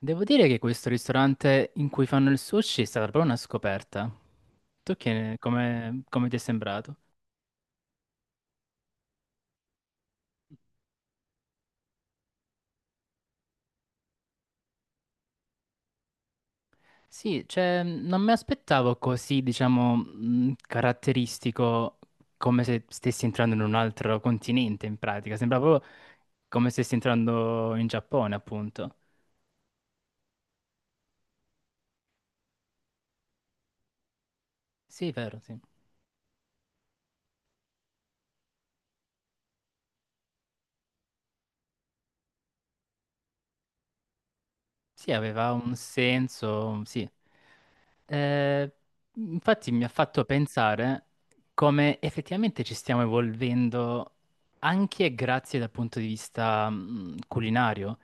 Devo dire che questo ristorante in cui fanno il sushi è stata proprio una scoperta. Tu come ti è sembrato? Sì, cioè, non mi aspettavo così, diciamo, caratteristico come se stessi entrando in un altro continente, in pratica. Sembrava proprio come se stessi entrando in Giappone, appunto. Sì, vero, sì. Sì, aveva un senso, sì. Eh, Infatti mi ha fatto pensare come effettivamente ci stiamo evolvendo anche grazie dal punto di vista culinario,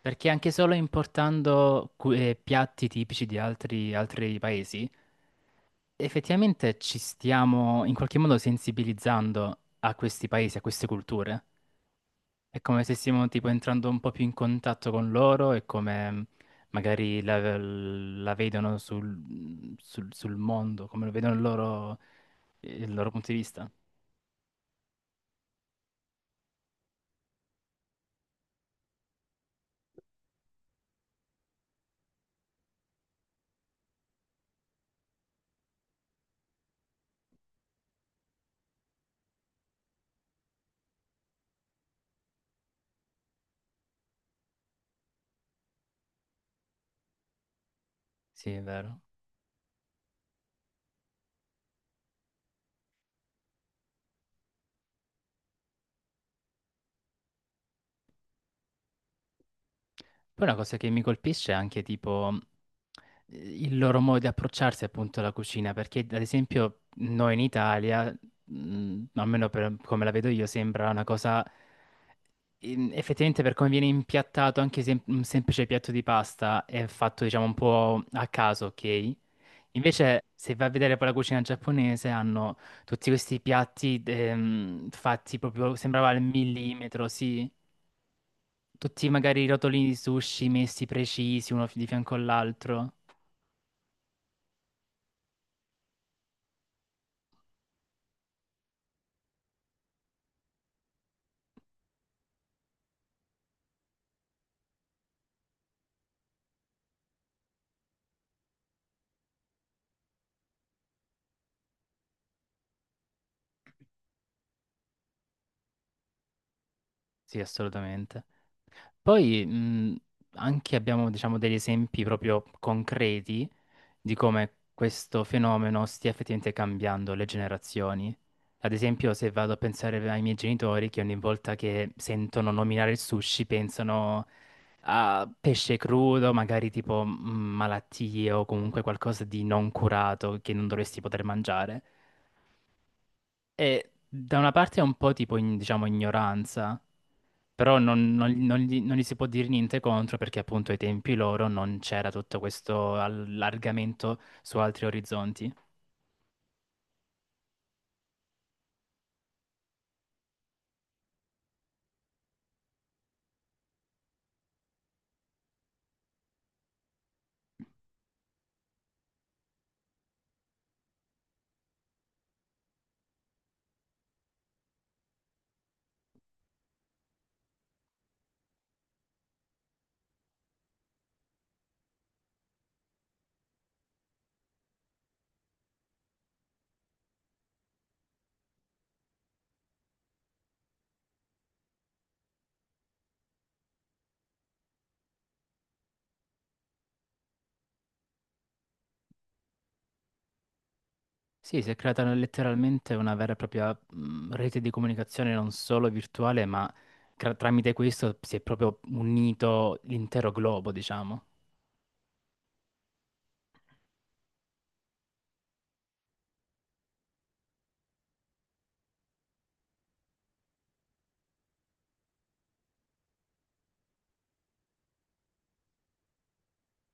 perché anche solo importando piatti tipici di altri paesi, effettivamente ci stiamo in qualche modo sensibilizzando a questi paesi, a queste culture. È come se stiamo tipo entrando un po' più in contatto con loro e come magari la vedono sul mondo, come lo vedono loro, il loro punto di vista. Sì, è vero. Poi una cosa che mi colpisce è anche tipo il loro modo di approcciarsi appunto alla cucina, perché ad esempio noi in Italia, almeno per come la vedo io, sembra una cosa effettivamente per come viene impiattato anche un semplice piatto di pasta è fatto diciamo un po' a caso, ok? Invece se vai a vedere poi la cucina giapponese hanno tutti questi piatti fatti proprio, sembrava al millimetro, sì. Tutti magari i rotolini di sushi messi precisi uno di fianco all'altro. Sì, assolutamente. Poi anche abbiamo, diciamo, degli esempi proprio concreti di come questo fenomeno stia effettivamente cambiando le generazioni. Ad esempio, se vado a pensare ai miei genitori che ogni volta che sentono nominare il sushi pensano a pesce crudo, magari tipo malattie o comunque qualcosa di non curato che non dovresti poter mangiare. E da una parte è un po' tipo, diciamo, ignoranza, però non gli si può dire niente contro perché appunto ai tempi loro non c'era tutto questo allargamento su altri orizzonti. Sì, si è creata letteralmente una vera e propria rete di comunicazione non solo virtuale, ma tramite questo si è proprio unito l'intero globo, diciamo.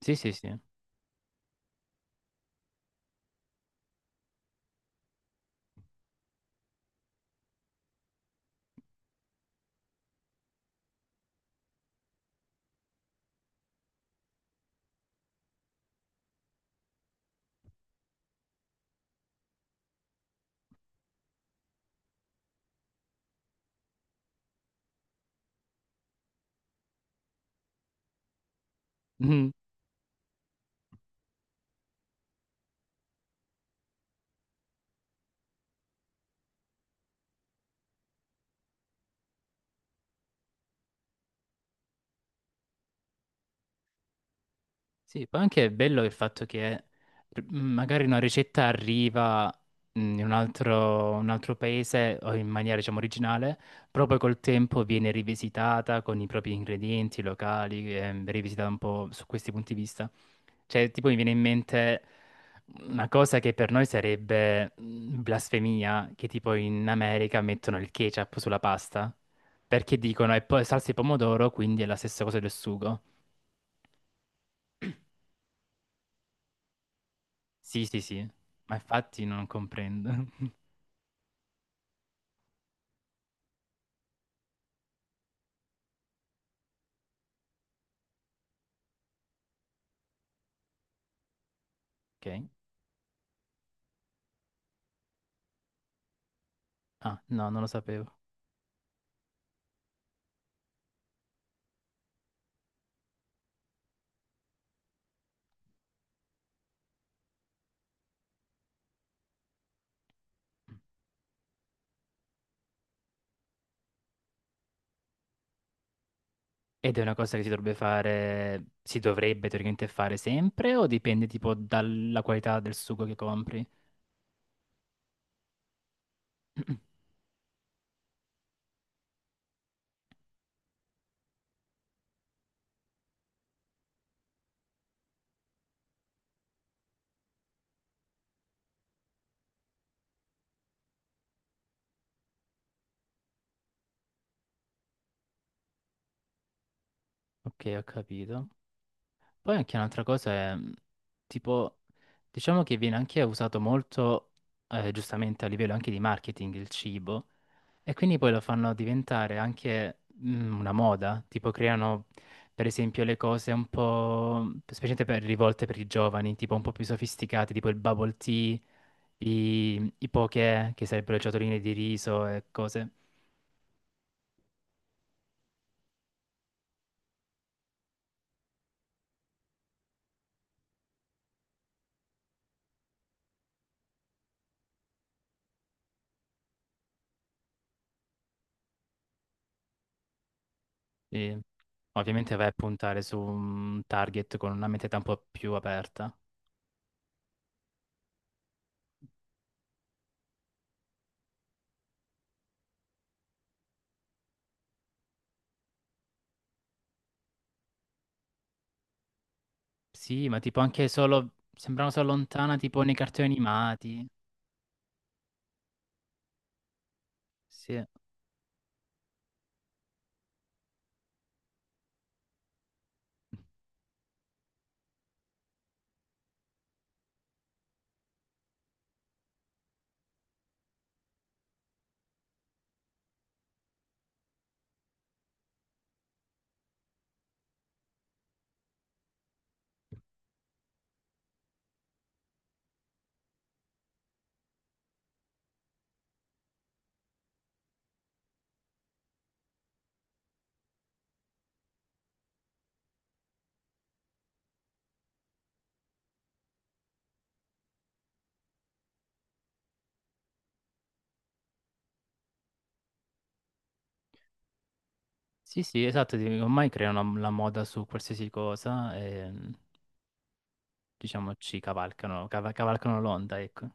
Sì, sì, sì. Sì, poi anche è bello il fatto che magari una ricetta arriva in un un altro paese o in maniera, diciamo, originale, proprio col tempo viene rivisitata con i propri ingredienti locali, rivisitata un po' su questi punti di vista. Cioè, tipo mi viene in mente una cosa che per noi sarebbe blasfemia, che tipo in America mettono il ketchup sulla pasta, perché dicono è salsa di pomodoro, quindi è la stessa cosa del sugo. Sì, sì, sì, ma infatti non comprendo. Ok. Ah, no, non lo sapevo. Ed è una cosa che si dovrebbe fare, si dovrebbe teoricamente fare sempre o dipende tipo dalla qualità del sugo che compri? Ok, ho capito. Poi anche un'altra cosa è, tipo, diciamo che viene anche usato molto, giustamente a livello anche di marketing, il cibo. E quindi poi lo fanno diventare anche una moda, tipo creano per esempio le cose un po', specialmente per rivolte per i giovani, tipo un po' più sofisticate, tipo il bubble tea, i poké, che sarebbero ciotoline di riso e cose. E ovviamente vai a puntare su un target con una mentalità un po' più aperta. Sì, ma tipo anche solo, sembrano solo lontana, tipo nei cartoni animati. Sì. Sì, sì, esatto, sì, ormai creano la moda su qualsiasi cosa e diciamo ci cavalcano l'onda, ecco.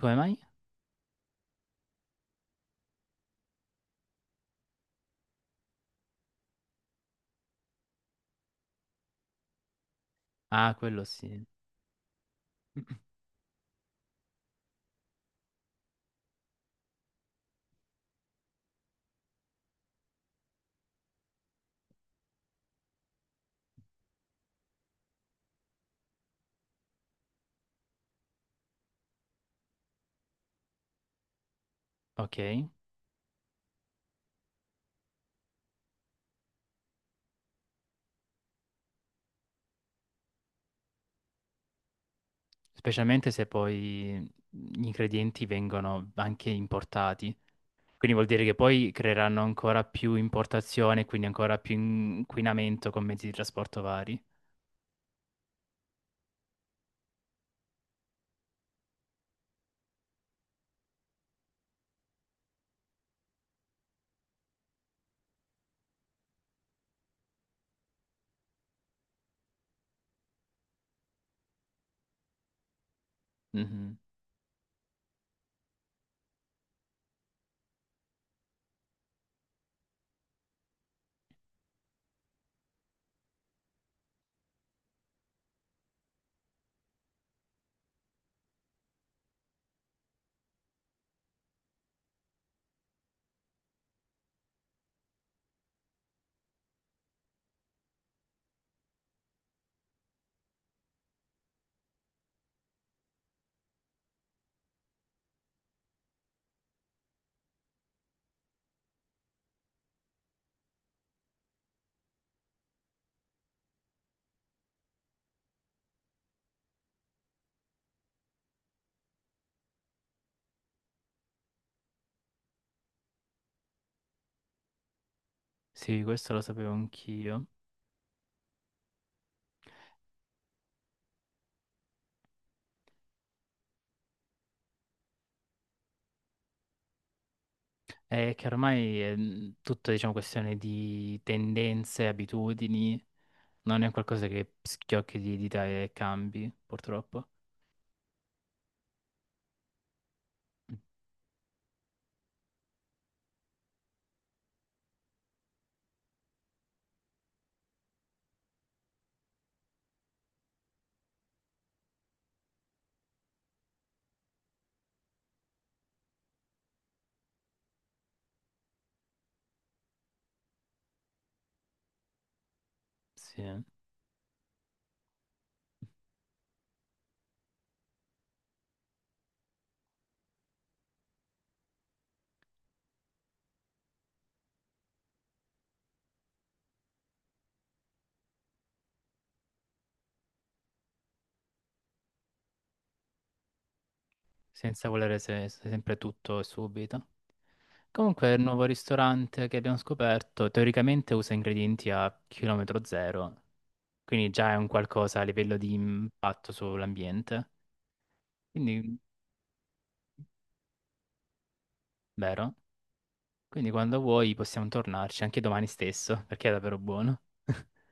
Come mai? Ah, quello sì, ok. Specialmente se poi gli ingredienti vengono anche importati. Quindi vuol dire che poi creeranno ancora più importazione, quindi ancora più inquinamento con mezzi di trasporto vari. Mhm. Sì, questo lo sapevo anch'io. È che ormai è tutta, diciamo, questione di tendenze, abitudini. Non è qualcosa che schiocchi di dita e cambi, purtroppo. Sì, senza volere sempre tutto e subito. Comunque, il nuovo ristorante che abbiamo scoperto teoricamente usa ingredienti a chilometro zero, quindi già è un qualcosa a livello di impatto sull'ambiente. Quindi, vero? Quindi quando vuoi possiamo tornarci anche domani stesso, perché è davvero buono.